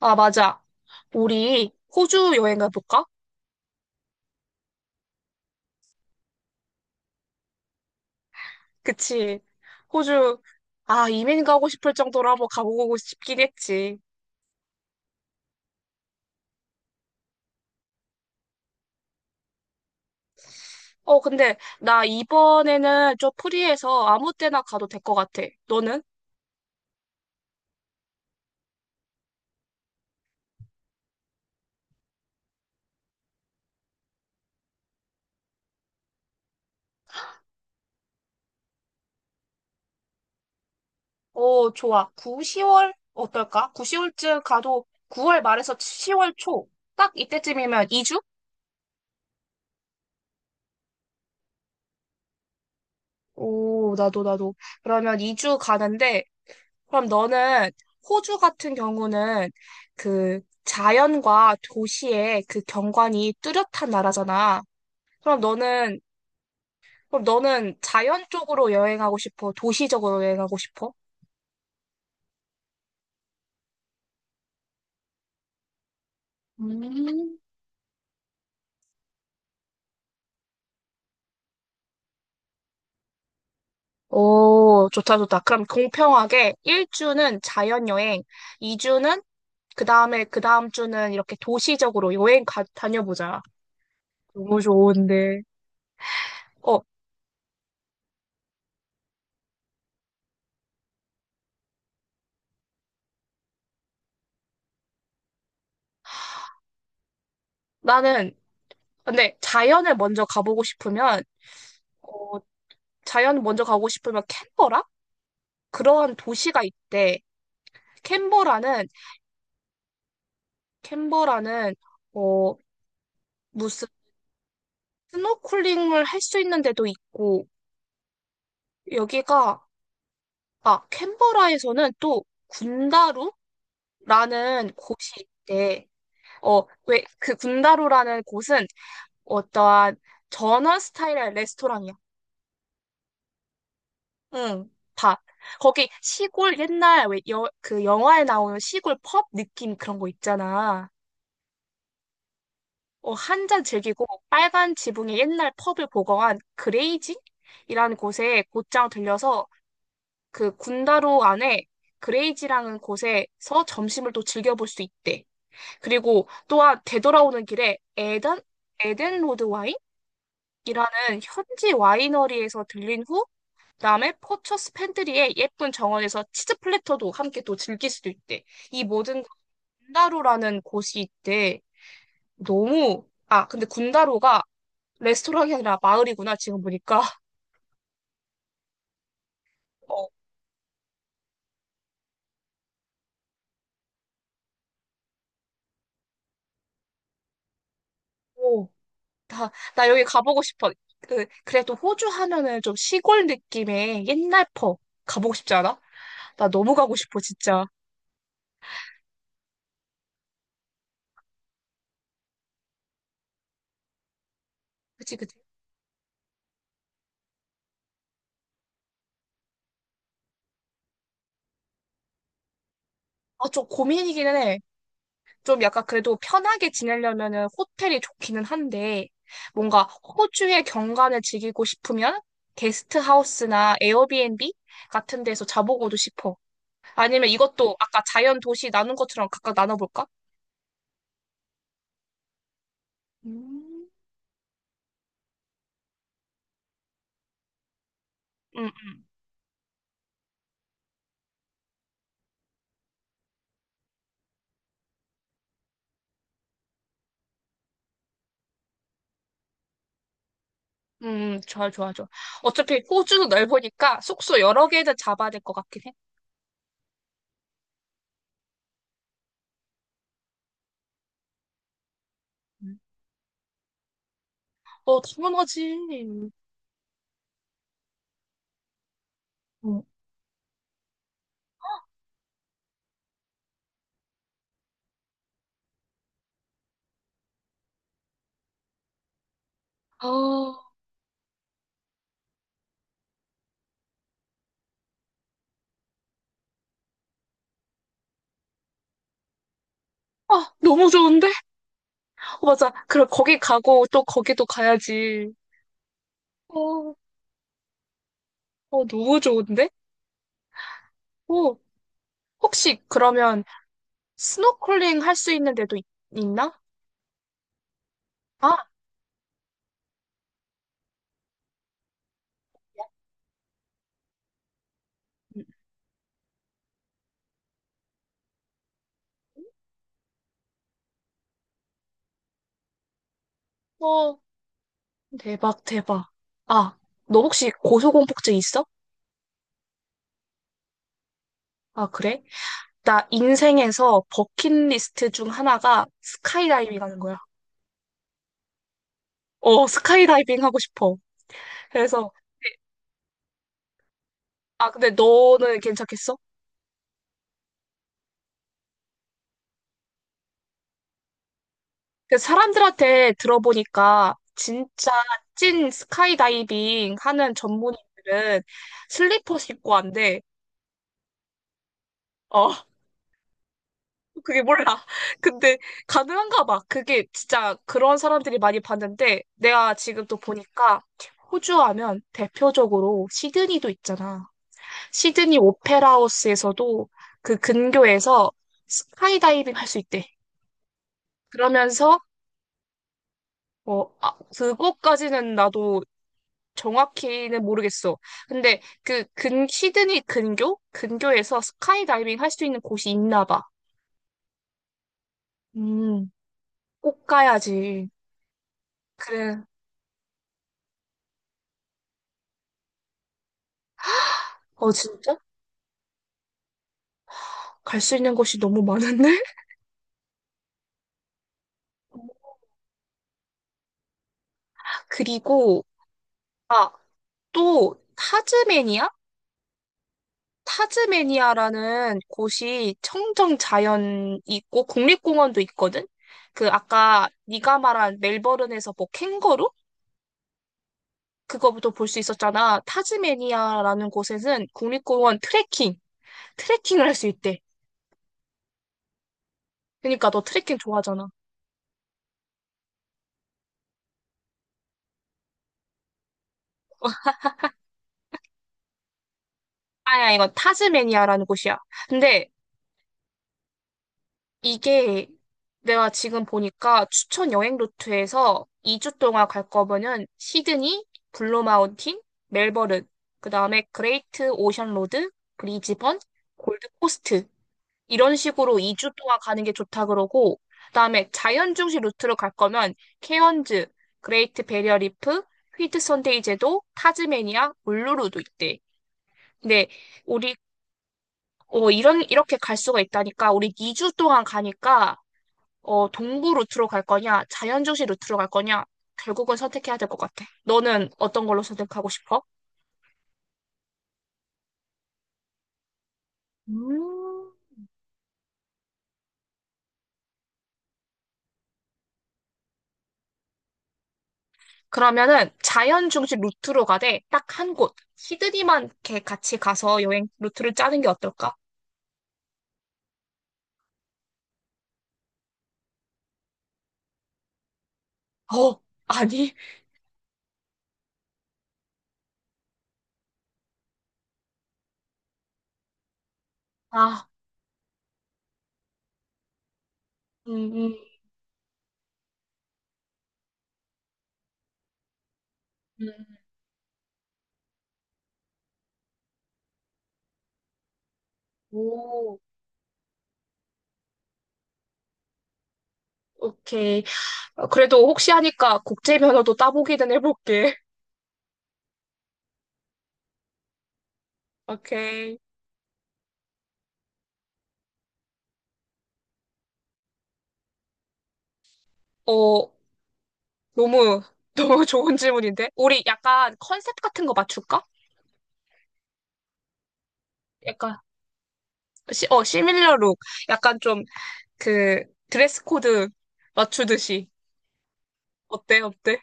아, 맞아. 우리 호주 여행 가볼까? 그치. 호주, 아, 이민 가고 싶을 정도로 한번 가보고 싶긴 했지. 어, 근데 나 이번에는 좀 프리해서 아무 때나 가도 될 것 같아. 너는? 어, 좋아. 9, 10월 어떨까? 9, 10월쯤 가도 9월 말에서 10월 초. 딱 이때쯤이면 2주? 오, 나도, 나도. 그러면 2주 가는데, 그럼 너는 호주 같은 경우는 그 자연과 도시의 그 경관이 뚜렷한 나라잖아. 그럼 너는 그럼 너는 자연 쪽으로 여행하고 싶어? 도시적으로 여행하고 싶어? 음. 오, 좋다, 좋다. 그럼 공평하게 1주는 자연 여행, 2주는 그 다음에 그 다음 주는 이렇게 도시적으로 여행 가, 다녀보자. 너무 좋은데. 어, 나는 근데 자연을 먼저 가보고 싶으면 자연 먼저 가고 싶으면 캔버라? 그러한 도시가 있대. 캔버라는, 캔버라는, 어, 무슨 스노클링을 할 수 있는 데도 있고, 여기가, 아, 캔버라에서는 또 군다루라는 곳이 있대. 어, 왜, 그 군다루라는 곳은 어떠한 전원 스타일의 레스토랑이야. 응, 다. 거기 시골 옛날 왜 여, 그 영화에 나오는 시골 펍 느낌 그런 거 있잖아. 어, 한잔 즐기고 빨간 지붕의 옛날 펍을 보거한 그레이지이라는 곳에 곧장 들려서 그 군다로 안에 그레이지라는 곳에서 점심을 또 즐겨볼 수 있대. 그리고 또한 되돌아오는 길에 에덴, 에덴 로드 와인이라는 현지 와이너리에서 들린 후 그다음에 포처스 팬트리의 예쁜 정원에서 치즈 플래터도 함께 또 즐길 수도 있대. 이 모든 군다로라는 곳이 있대. 너무 아 근데 군다로가 레스토랑이 아니라 마을이구나, 지금 보니까. 어, 오, 나 여기 가보고 싶어. 그래도 호주 하면은 좀 시골 느낌의 옛날 퍼 가보고 싶지 않아? 나 너무 가고 싶어, 진짜. 그치, 그치. 아, 좀 고민이기는 해. 좀 약간 그래도 편하게 지내려면은 호텔이 좋기는 한데, 뭔가 호주의 경관을 즐기고 싶으면 게스트 하우스나 에어비앤비 같은 데서 자보고도 싶어. 아니면 이것도 아까 자연 도시 나눈 것처럼 각각 나눠볼까? 음, 음, 좋아, 좋아, 좋아. 어차피 호주도 넓으니까 숙소 여러 개는 잡아야 될 것 같긴 해. 음. 어, 당연하지. 어, 아, 아, 너무 좋은데? 어, 맞아. 그럼 거기 가고 또 거기도 가야지. 어, 어, 너무 좋은데? 어, 혹시 그러면 스노클링 할 수 있는 데도 있, 나 아, 음. 어, 대박, 대박. 아, 너 혹시 고소공포증 있어? 아, 그래? 나 인생에서 버킷리스트 중 하나가 스카이다이빙 하는 거야. 어, 스카이다이빙 하고 싶어. 그래서, 아, 근데 너는 괜찮겠어? 근데 사람들한테 들어보니까 진짜 찐 스카이다이빙 하는 전문인들은 슬리퍼 신고 한대. 어, 그게 몰라. 근데 가능한가 봐. 그게 진짜 그런 사람들이 많이 봤는데 내가 지금 또 보니까 호주 하면 대표적으로 시드니도 있잖아. 시드니 오페라 하우스에서도 그 근교에서 스카이다이빙 할 수 있대. 그러면서 어, 아, 그거까지는 나도 정확히는 모르겠어. 근데 그 근, 시드니 근교? 근교에서 스카이다이빙 할 수 있는 곳이 있나 봐. 음, 꼭 가야지. 그래. 어, 진짜? 갈 수 있는 곳이 너무 많은데? 그리고 또 타즈메니아? 타즈메니아라는 곳이 청정 자연 있고 국립공원도 있거든? 그 아까 네가 말한 멜버른에서 뭐 캥거루? 그거부터 볼 수 있었잖아. 타즈메니아라는 곳에는 국립공원 트레킹, 트레킹을 할 수 있대. 그러니까 너 트레킹 좋아하잖아. 아니야, 이건 타즈메니아라는 곳이야. 근데 이게 내가 지금 보니까 추천 여행 루트에서 2주 동안 갈 거면은 시드니, 블루마운틴, 멜버른, 그 다음에 그레이트 오션 로드, 브리즈번, 골드코스트 이런 식으로 2주 동안 가는 게 좋다 그러고, 그다음에 자연 중심 루트로 갈 거면 케언즈, 그레이트 베리어 리프, 휘트 선데이 제도, 타즈메니아, 울루루도 있대. 근데 우리 이런 이렇게 갈 수가 있다니까 우리 2주 동안 가니까 어 동부 루트로 갈 거냐, 자연 중심 루트로 갈 거냐 결국은 선택해야 될 것 같아. 너는 어떤 걸로 선택하고 싶어? 음. 그러면은 자연 중심 루트로 가되 딱 한 곳, 시드니만 이렇게 같이 가서 여행 루트를 짜는 게 어떨까? 어, 아니, 아, 음, 음, 음. 오, 오케이. 어, 그래도 혹시 하니까 국제 면허도 따보기는 해볼게. 오케이. 어, 너무, 너무 좋은 질문인데? 우리 약간 컨셉 같은 거 맞출까? 약간, 시, 어, 시밀러 룩. 약간 좀 그 드레스 코드 맞추듯이. 어때, 어때?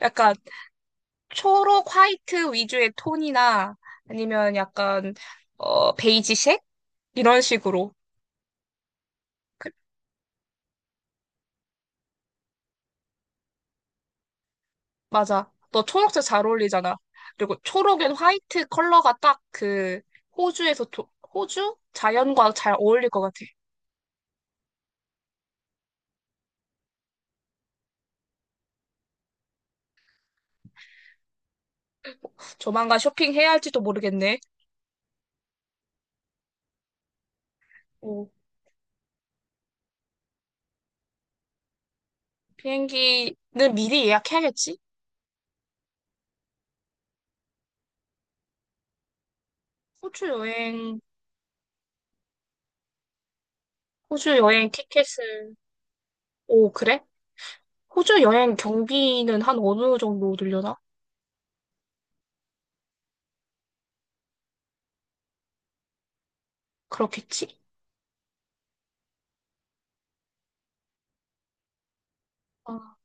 약간 초록 화이트 위주의 톤이나 아니면 약간 어 베이지색 이런 식으로 그- 맞아 너 초록색 잘 어울리잖아 그리고 초록엔 화이트 컬러가 딱 그 호주에서 조- 호주 자연과 잘 어울릴 것 같아 조만간 쇼핑해야 할지도 모르겠네 오, 비행기는 미리 예약해야겠지 호주 여행 호주 여행 티켓을 오 그래 호주 여행 경비는 한 어느 정도 들려나 그렇겠지 어,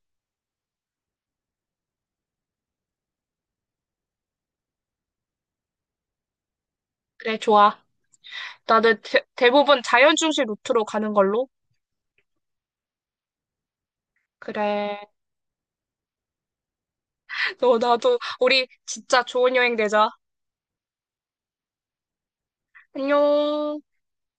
그래 좋아 나는 대부분 자연 중심 루트로 가는 걸로. 그래. 나도, 우리 진짜 좋은 여행 되자. 안녕.